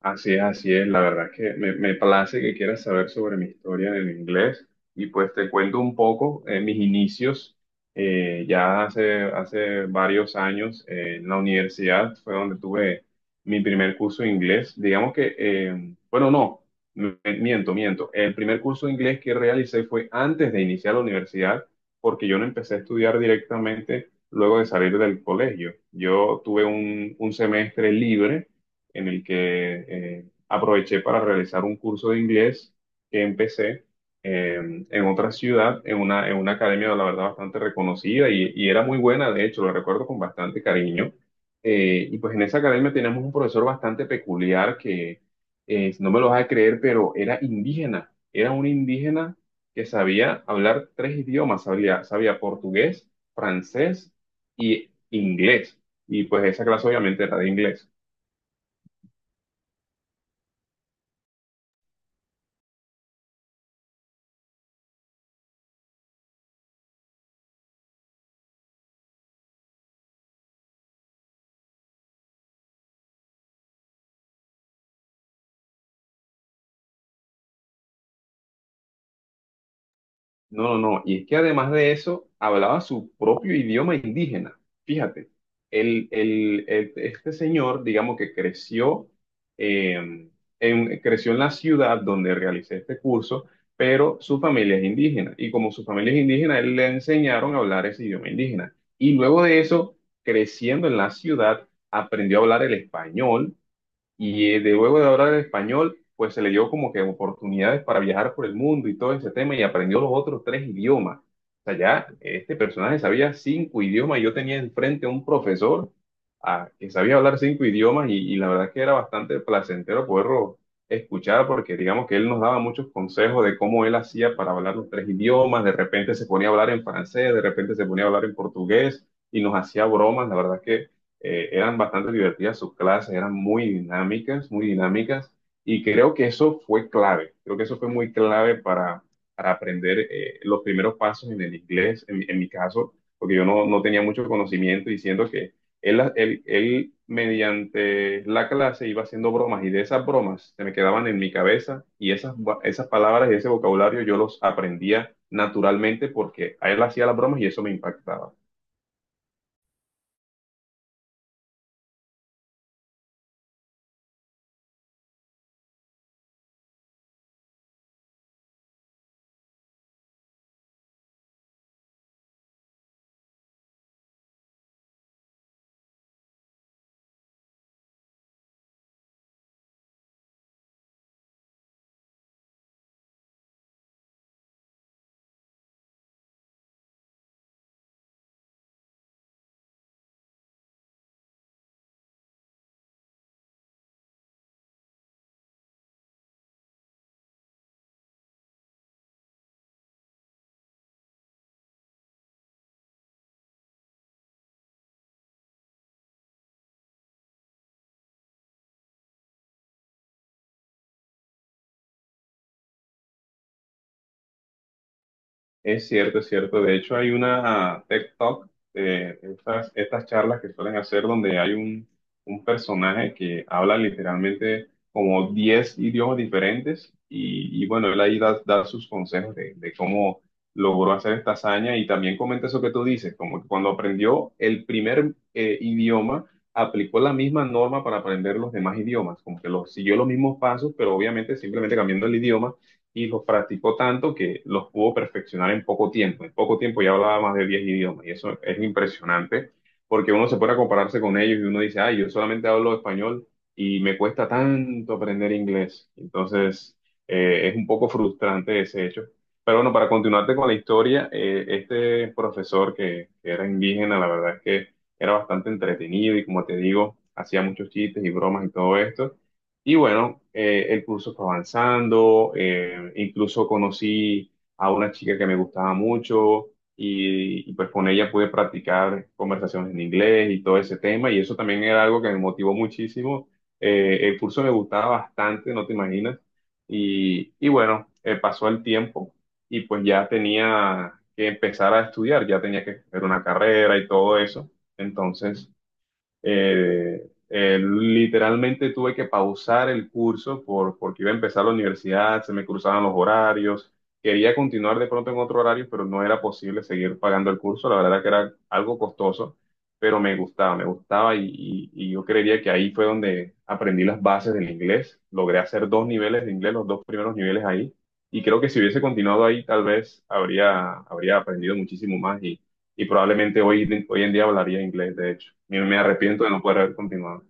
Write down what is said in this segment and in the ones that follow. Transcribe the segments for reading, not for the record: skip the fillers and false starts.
Así es, así es. La verdad es que me place que quieras saber sobre mi historia en el inglés y pues te cuento un poco mis inicios. Hace varios años en la universidad fue donde tuve mi primer curso de inglés. Digamos que, no, miento. El primer curso de inglés que realicé fue antes de iniciar la universidad porque yo no empecé a estudiar directamente luego de salir del colegio. Yo tuve un semestre libre en el que aproveché para realizar un curso de inglés que empecé eh, en otra ciudad, en una academia, la verdad, bastante reconocida y era muy buena, de hecho, lo recuerdo con bastante cariño. Y pues en esa academia teníamos un profesor bastante peculiar que, si no me lo vas a creer, pero era indígena, era un indígena que sabía hablar tres idiomas, sabía portugués, francés y inglés. Y pues esa clase obviamente era de inglés. No, no, no. Y es que además de eso, hablaba su propio idioma indígena. Fíjate, este señor, digamos que creció, eh, creció en la ciudad donde realicé este curso, pero su familia es indígena. Y como su familia es indígena, él le enseñaron a hablar ese idioma indígena. Y luego de eso, creciendo en la ciudad, aprendió a hablar el español y de luego de hablar el español, pues se le dio como que oportunidades para viajar por el mundo y todo ese tema y aprendió los otros tres idiomas. O sea, ya este personaje sabía cinco idiomas y yo tenía enfrente a un profesor que sabía hablar cinco idiomas y la verdad que era bastante placentero poderlo escuchar porque digamos que él nos daba muchos consejos de cómo él hacía para hablar los tres idiomas. De repente se ponía a hablar en francés, de repente se ponía a hablar en portugués y nos hacía bromas. La verdad que eran bastante divertidas sus clases, eran muy dinámicas, y creo que eso fue clave, creo que eso fue muy clave para aprender los primeros pasos en el inglés, en mi caso, porque yo no tenía mucho conocimiento y siento que él mediante la clase iba haciendo bromas y de esas bromas se me quedaban en mi cabeza y esas palabras y ese vocabulario yo los aprendía naturalmente porque a él hacía las bromas y eso me impactaba. Es cierto, es cierto. De hecho, hay una TED Talk, estas charlas que suelen hacer donde hay un personaje que habla literalmente como 10 idiomas diferentes y bueno, él ahí da, da sus consejos de cómo logró hacer esta hazaña y también comenta eso que tú dices, como que cuando aprendió el primer idioma, aplicó la misma norma para aprender los demás idiomas, como que lo, siguió los mismos pasos, pero obviamente simplemente cambiando el idioma y los practicó tanto que los pudo perfeccionar en poco tiempo. En poco tiempo ya hablaba más de 10 idiomas y eso es impresionante porque uno se pone a compararse con ellos y uno dice, ay, yo solamente hablo español y me cuesta tanto aprender inglés. Entonces, es un poco frustrante ese hecho. Pero bueno, para continuarte con la historia, este profesor que era indígena, la verdad es que era bastante entretenido y como te digo, hacía muchos chistes y bromas y todo esto. Y bueno, el curso fue avanzando, incluso conocí a una chica que me gustaba mucho y pues con ella pude practicar conversaciones en inglés y todo ese tema y eso también era algo que me motivó muchísimo. El curso me gustaba bastante, no te imaginas. Y bueno, pasó el tiempo y pues ya tenía que empezar a estudiar, ya tenía que hacer una carrera y todo eso. Entonces... Literalmente tuve que pausar el curso porque iba a empezar la universidad, se me cruzaban los horarios, quería continuar de pronto en otro horario, pero no era posible seguir pagando el curso, la verdad era que era algo costoso, pero me gustaba y yo creería que ahí fue donde aprendí las bases del inglés, logré hacer dos niveles de inglés, los dos primeros niveles ahí. Y creo que si hubiese continuado ahí, tal vez habría aprendido muchísimo más y probablemente hoy en día hablaría inglés, de hecho. Me arrepiento de no poder haber continuado.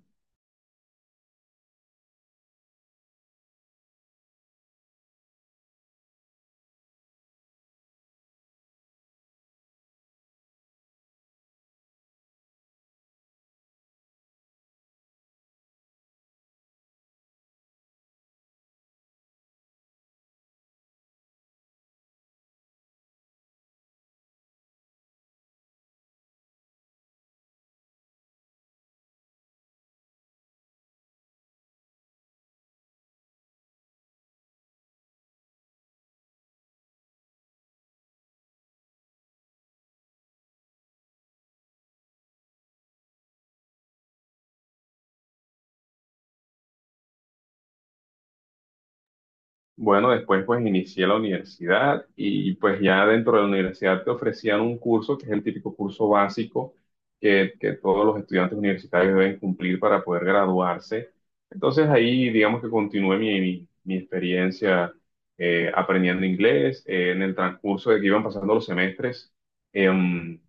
Bueno, después pues inicié la universidad y pues ya dentro de la universidad te ofrecían un curso que es el típico curso básico que todos los estudiantes universitarios deben cumplir para poder graduarse. Entonces ahí digamos que continué mi experiencia aprendiendo inglés. En el transcurso de que iban pasando los semestres, em,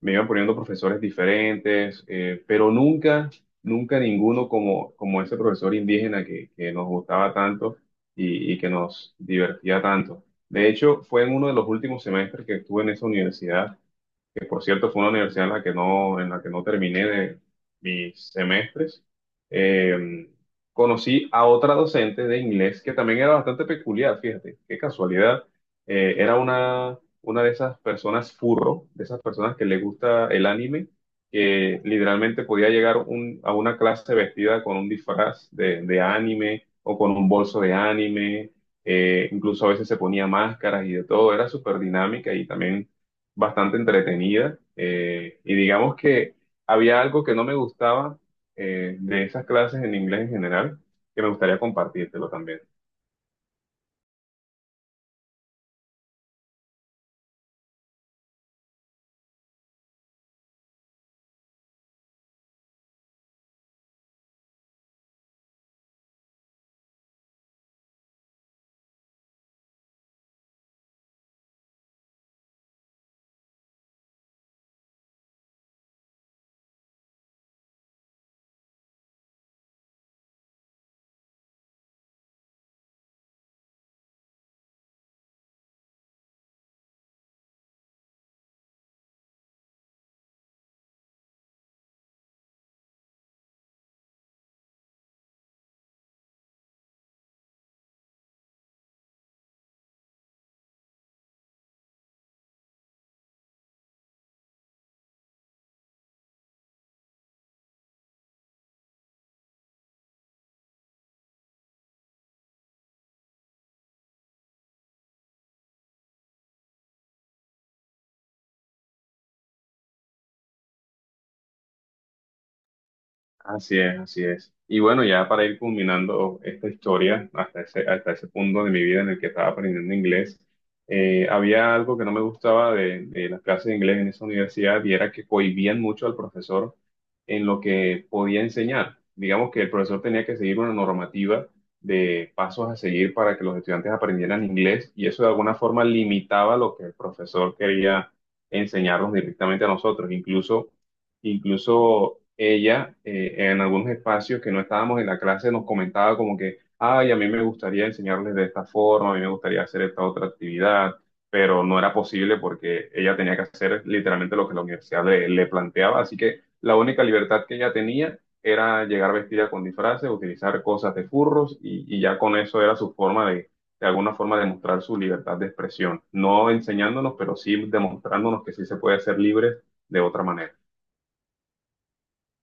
me iban poniendo profesores diferentes, pero nunca, nunca ninguno como, como ese profesor indígena que nos gustaba tanto y que nos divertía tanto. De hecho, fue en uno de los últimos semestres que estuve en esa universidad que por cierto fue una universidad en la que no, en la que no terminé de mis semestres, eh, conocí a otra docente de inglés que también era bastante peculiar, fíjate, qué casualidad. Una de esas personas furro, de esas personas que le gusta el anime, que literalmente podía a una clase vestida con un disfraz de anime o con un bolso de anime, incluso a veces se ponía máscaras y de todo, era súper dinámica y también bastante entretenida y digamos que había algo que no me gustaba de esas clases en inglés en general, que me gustaría compartírtelo también. Así es, así es. Y bueno, ya para ir culminando esta historia, hasta ese punto de mi vida en el que estaba aprendiendo inglés, había algo que no me gustaba de las clases de inglés en esa universidad y era que cohibían mucho al profesor en lo que podía enseñar. Digamos que el profesor tenía que seguir una normativa de pasos a seguir para que los estudiantes aprendieran inglés y eso de alguna forma limitaba lo que el profesor quería enseñarnos directamente a nosotros. Incluso ella, en algunos espacios que no estábamos en la clase, nos comentaba como que, ay, a mí me gustaría enseñarles de esta forma, a mí me gustaría hacer esta otra actividad, pero no era posible porque ella tenía que hacer literalmente lo que la universidad le planteaba, así que la única libertad que ella tenía era llegar vestida con disfraces, utilizar cosas de furros y ya con eso era su forma de alguna forma, demostrar su libertad de expresión, no enseñándonos, pero sí demostrándonos que sí se puede ser libres de otra manera.